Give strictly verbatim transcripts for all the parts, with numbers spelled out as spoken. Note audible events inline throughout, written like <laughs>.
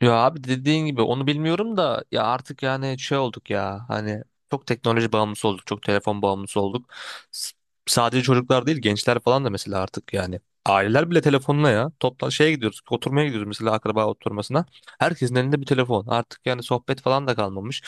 Ya abi dediğin gibi onu bilmiyorum da ya artık yani şey olduk ya hani çok teknoloji bağımlısı olduk, çok telefon bağımlısı olduk. S- Sadece çocuklar değil, gençler falan da mesela artık yani aileler bile telefonla, ya toplan şeye gidiyoruz, oturmaya gidiyoruz mesela, akraba oturmasına herkesin elinde bir telefon, artık yani sohbet falan da kalmamış.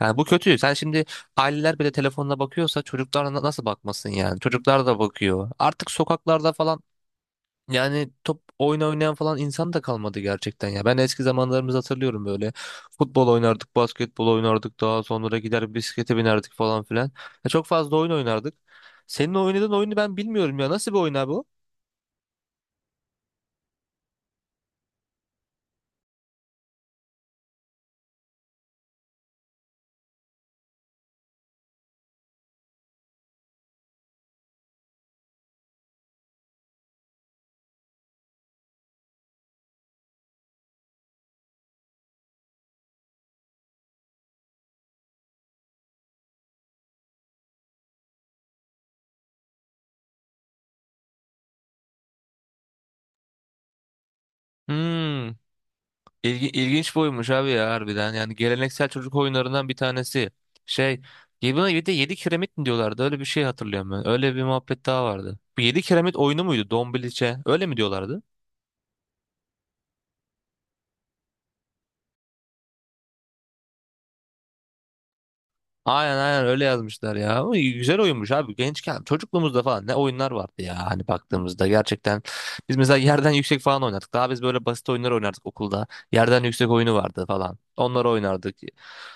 Yani bu kötü. Sen şimdi aileler bile telefonla bakıyorsa çocuklar na- nasıl bakmasın? Yani çocuklar da bakıyor artık, sokaklarda falan yani top oyun oynayan falan insan da kalmadı gerçekten ya. Ben eski zamanlarımızı hatırlıyorum böyle. Futbol oynardık, basketbol oynardık, daha sonra gider bisiklete binerdik falan filan. Ya çok fazla oyun oynardık. Senin oynadığın oyunu ben bilmiyorum ya. Nasıl bir oyun abi o? Hmm. İlgi, ilginç bir oyunmuş abi ya harbiden. Yani geleneksel çocuk oyunlarından bir tanesi. Şey, ya buna bir de yedi kiremit mi diyorlardı? Öyle bir şey hatırlıyorum ben. Öyle bir muhabbet daha vardı. Bu yedi kiremit oyunu muydu? Dombiliçe. Öyle mi diyorlardı? Aynen aynen, öyle yazmışlar ya. Ama güzel oyunmuş abi. Gençken, çocukluğumuzda falan ne oyunlar vardı ya, hani baktığımızda gerçekten. Biz mesela yerden yüksek falan oynardık. Daha biz böyle basit oyunlar oynardık okulda. Yerden yüksek oyunu vardı falan. Onları oynardık.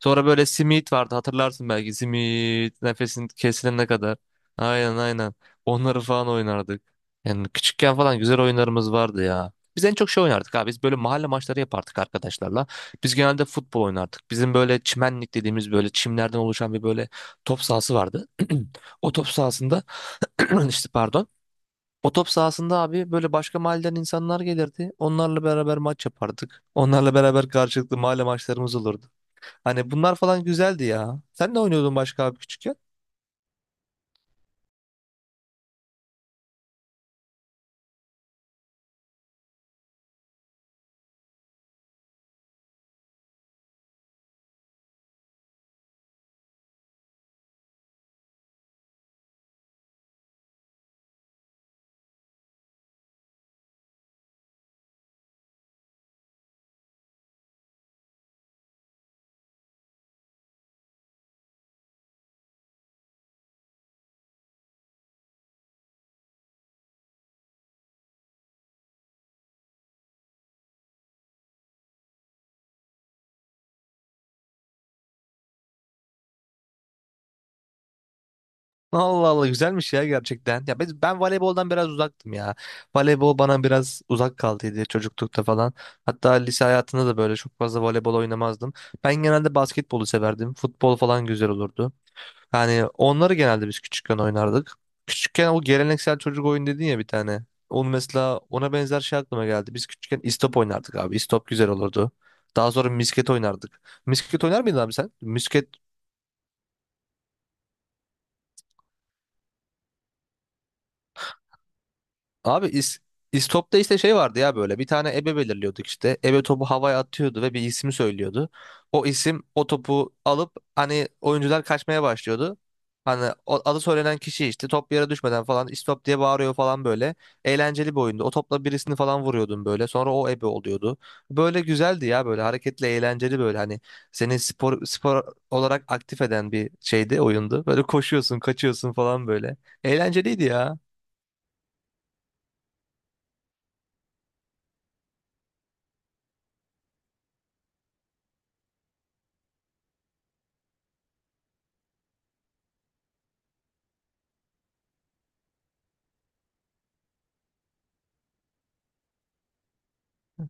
Sonra böyle simit vardı, hatırlarsın belki. Simit, nefesin kesilene kadar. Aynen aynen. Onları falan oynardık. Yani küçükken falan güzel oyunlarımız vardı ya. Biz en çok şey oynardık abi. Biz böyle mahalle maçları yapardık arkadaşlarla. Biz genelde futbol oynardık. Bizim böyle çimenlik dediğimiz, böyle çimlerden oluşan bir böyle top sahası vardı. <clears throat> O top sahasında <clears throat> işte pardon. O top sahasında abi böyle başka mahalleden insanlar gelirdi. Onlarla beraber maç yapardık. Onlarla beraber karşılıklı mahalle maçlarımız olurdu. Hani bunlar falan güzeldi ya. Sen ne oynuyordun başka abi küçükken? Allah Allah, güzelmiş ya gerçekten. Ya ben, ben voleyboldan biraz uzaktım ya. Voleybol bana biraz uzak kaldıydı çocuklukta falan. Hatta lise hayatında da böyle çok fazla voleybol oynamazdım. Ben genelde basketbolu severdim. Futbol falan güzel olurdu. Yani onları genelde biz küçükken oynardık. Küçükken o geleneksel çocuk oyun dedin ya bir tane. Onu mesela, ona benzer şey aklıma geldi. Biz küçükken istop oynardık abi. İstop güzel olurdu. Daha sonra misket oynardık. Misket oynar mıydın abi sen? Misket Abi is, İstop'ta işte şey vardı ya, böyle bir tane ebe belirliyorduk işte. Ebe topu havaya atıyordu ve bir ismi söylüyordu. O isim o topu alıp, hani oyuncular kaçmaya başlıyordu. Hani o- adı söylenen kişi işte top yere düşmeden falan istop diye bağırıyor falan böyle. Eğlenceli bir oyundu. O topla birisini falan vuruyordun böyle. Sonra o ebe oluyordu. Böyle güzeldi ya, böyle hareketli, eğlenceli, böyle hani seni spor spor olarak aktif eden bir şeydi, oyundu. Böyle koşuyorsun, kaçıyorsun falan böyle. Eğlenceliydi ya.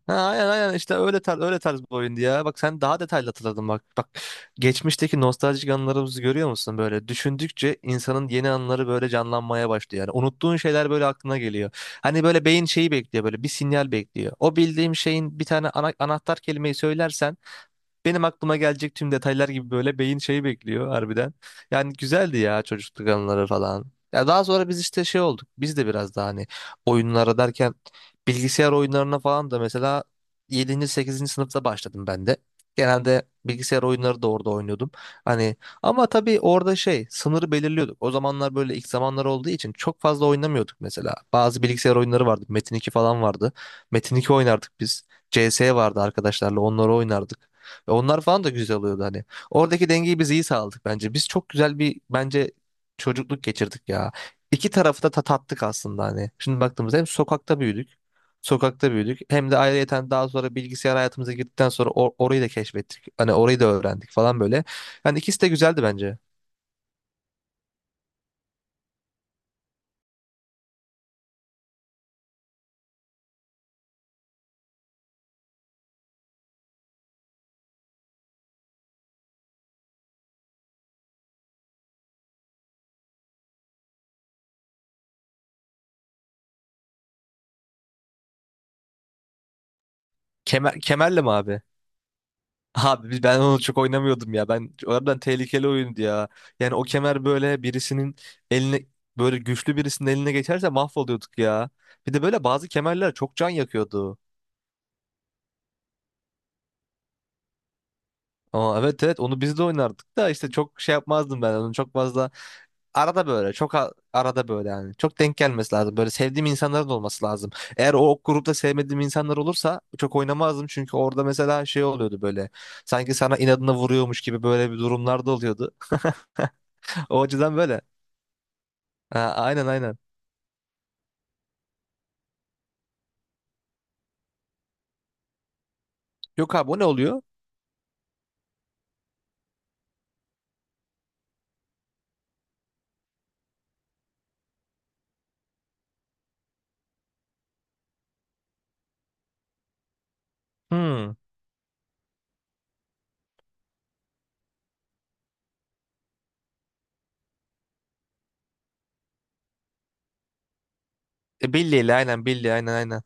Ha, aynen aynen, işte öyle tarz, öyle tarz bir oyundu ya. Bak sen daha detaylı hatırladın bak. Bak geçmişteki nostaljik anılarımızı görüyor musun böyle? Düşündükçe insanın yeni anıları böyle canlanmaya başlıyor. Yani unuttuğun şeyler böyle aklına geliyor. Hani böyle beyin şeyi bekliyor, böyle bir sinyal bekliyor. O bildiğim şeyin bir tane ana- anahtar kelimeyi söylersen benim aklıma gelecek tüm detaylar gibi, böyle beyin şeyi bekliyor harbiden. Yani güzeldi ya çocukluk anıları falan. Ya daha sonra biz işte şey olduk. Biz de biraz daha hani oyunlara derken bilgisayar oyunlarına falan da mesela yedinci, sekizinci sınıfta başladım ben de. Genelde bilgisayar oyunları da orada oynuyordum. Hani ama tabii orada şey, sınırı belirliyorduk. O zamanlar böyle ilk zamanlar olduğu için çok fazla oynamıyorduk mesela. Bazı bilgisayar oyunları vardı. Metin iki falan vardı. Metin iki oynardık biz. C S vardı, arkadaşlarla onları oynardık. Ve onlar falan da güzel oluyordu hani. Oradaki dengeyi biz iyi sağladık bence. Biz çok güzel bir bence çocukluk geçirdik ya. İki tarafı da tat aslında hani. Şimdi baktığımızda hem sokakta büyüdük. Sokakta büyüdük. Hem de ayrıyeten daha sonra bilgisayar hayatımıza girdikten sonra or- orayı da keşfettik. Hani orayı da öğrendik falan böyle. Yani ikisi de güzeldi bence. Kemer, kemerle mi abi? Abi biz- ben onu çok oynamıyordum ya. Ben oradan tehlikeli oyundu ya. Yani o kemer böyle birisinin eline böyle güçlü birisinin eline geçerse mahvoluyorduk ya. Bir de böyle bazı kemerler çok can yakıyordu. Aa, evet evet, onu biz de oynardık da işte çok şey yapmazdım ben onu çok fazla, arada böyle çok a- arada böyle, yani çok denk gelmesi lazım, böyle sevdiğim insanların olması lazım. Eğer o ok grupta sevmediğim insanlar olursa çok oynamazdım, çünkü orada mesela şey oluyordu böyle, sanki sana inadına vuruyormuş gibi böyle bir durumlar da oluyordu. <laughs> O açıdan böyle. Ha, aynen aynen. Yok abi, o ne oluyor? Hmm. E, Billy ile aynen, Billy, aynen aynen.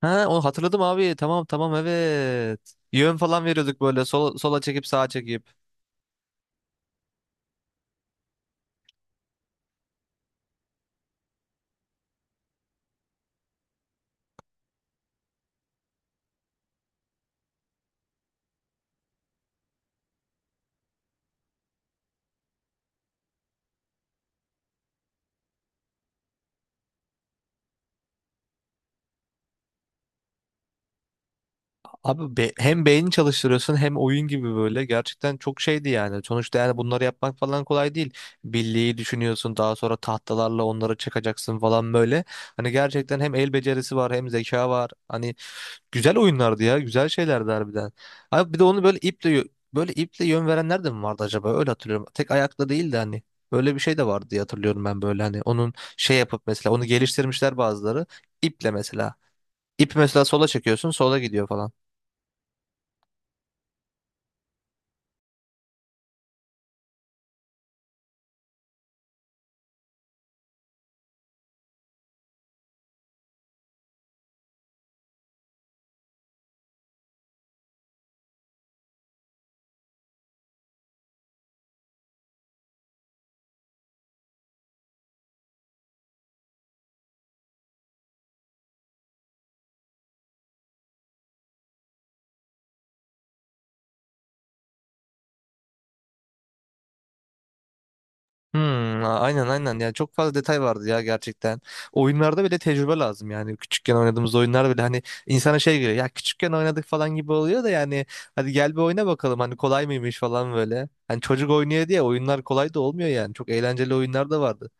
Ha, onu hatırladım abi. Tamam tamam, evet. Yön falan veriyorduk böyle, sola, sola çekip, sağa çekip. Abi be- hem beyni çalıştırıyorsun hem oyun gibi, böyle gerçekten çok şeydi yani. Sonuçta yani bunları yapmak falan kolay değil. Birliği düşünüyorsun, daha sonra tahtalarla onları çakacaksın falan böyle. Hani gerçekten hem el becerisi var hem zeka var. Hani güzel oyunlardı ya, güzel şeylerdi harbiden. Abi bir de onu böyle iple yö- böyle iple yön verenler de mi vardı acaba, öyle hatırlıyorum. Tek ayakla değil de hani. Böyle bir şey de vardı diye hatırlıyorum ben, böyle hani onun şey yapıp mesela onu geliştirmişler bazıları, iple mesela. İp mesela, sola çekiyorsun sola gidiyor falan. Hmm, a- aynen aynen, yani çok fazla detay vardı ya gerçekten. Oyunlarda bile tecrübe lazım yani. Küçükken oynadığımız oyunlar bile hani insana şey geliyor ya, küçükken oynadık falan gibi oluyor da, yani hadi gel bir oyna bakalım hani, kolay mıymış falan böyle. Hani çocuk oynuyor diye oyunlar kolay da olmuyor yani. Çok eğlenceli oyunlar da vardı.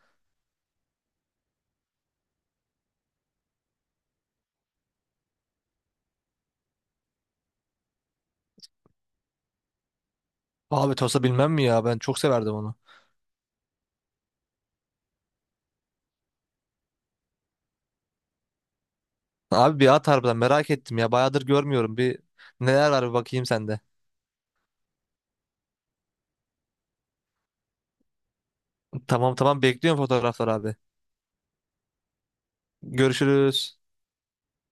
Abi Tosa bilmem mi ya, ben çok severdim onu. Abi bir at, harbiden merak ettim ya, bayağıdır görmüyorum. Bir neler var bir bakayım sende. Tamam tamam, bekliyorum fotoğraflar abi. Görüşürüz.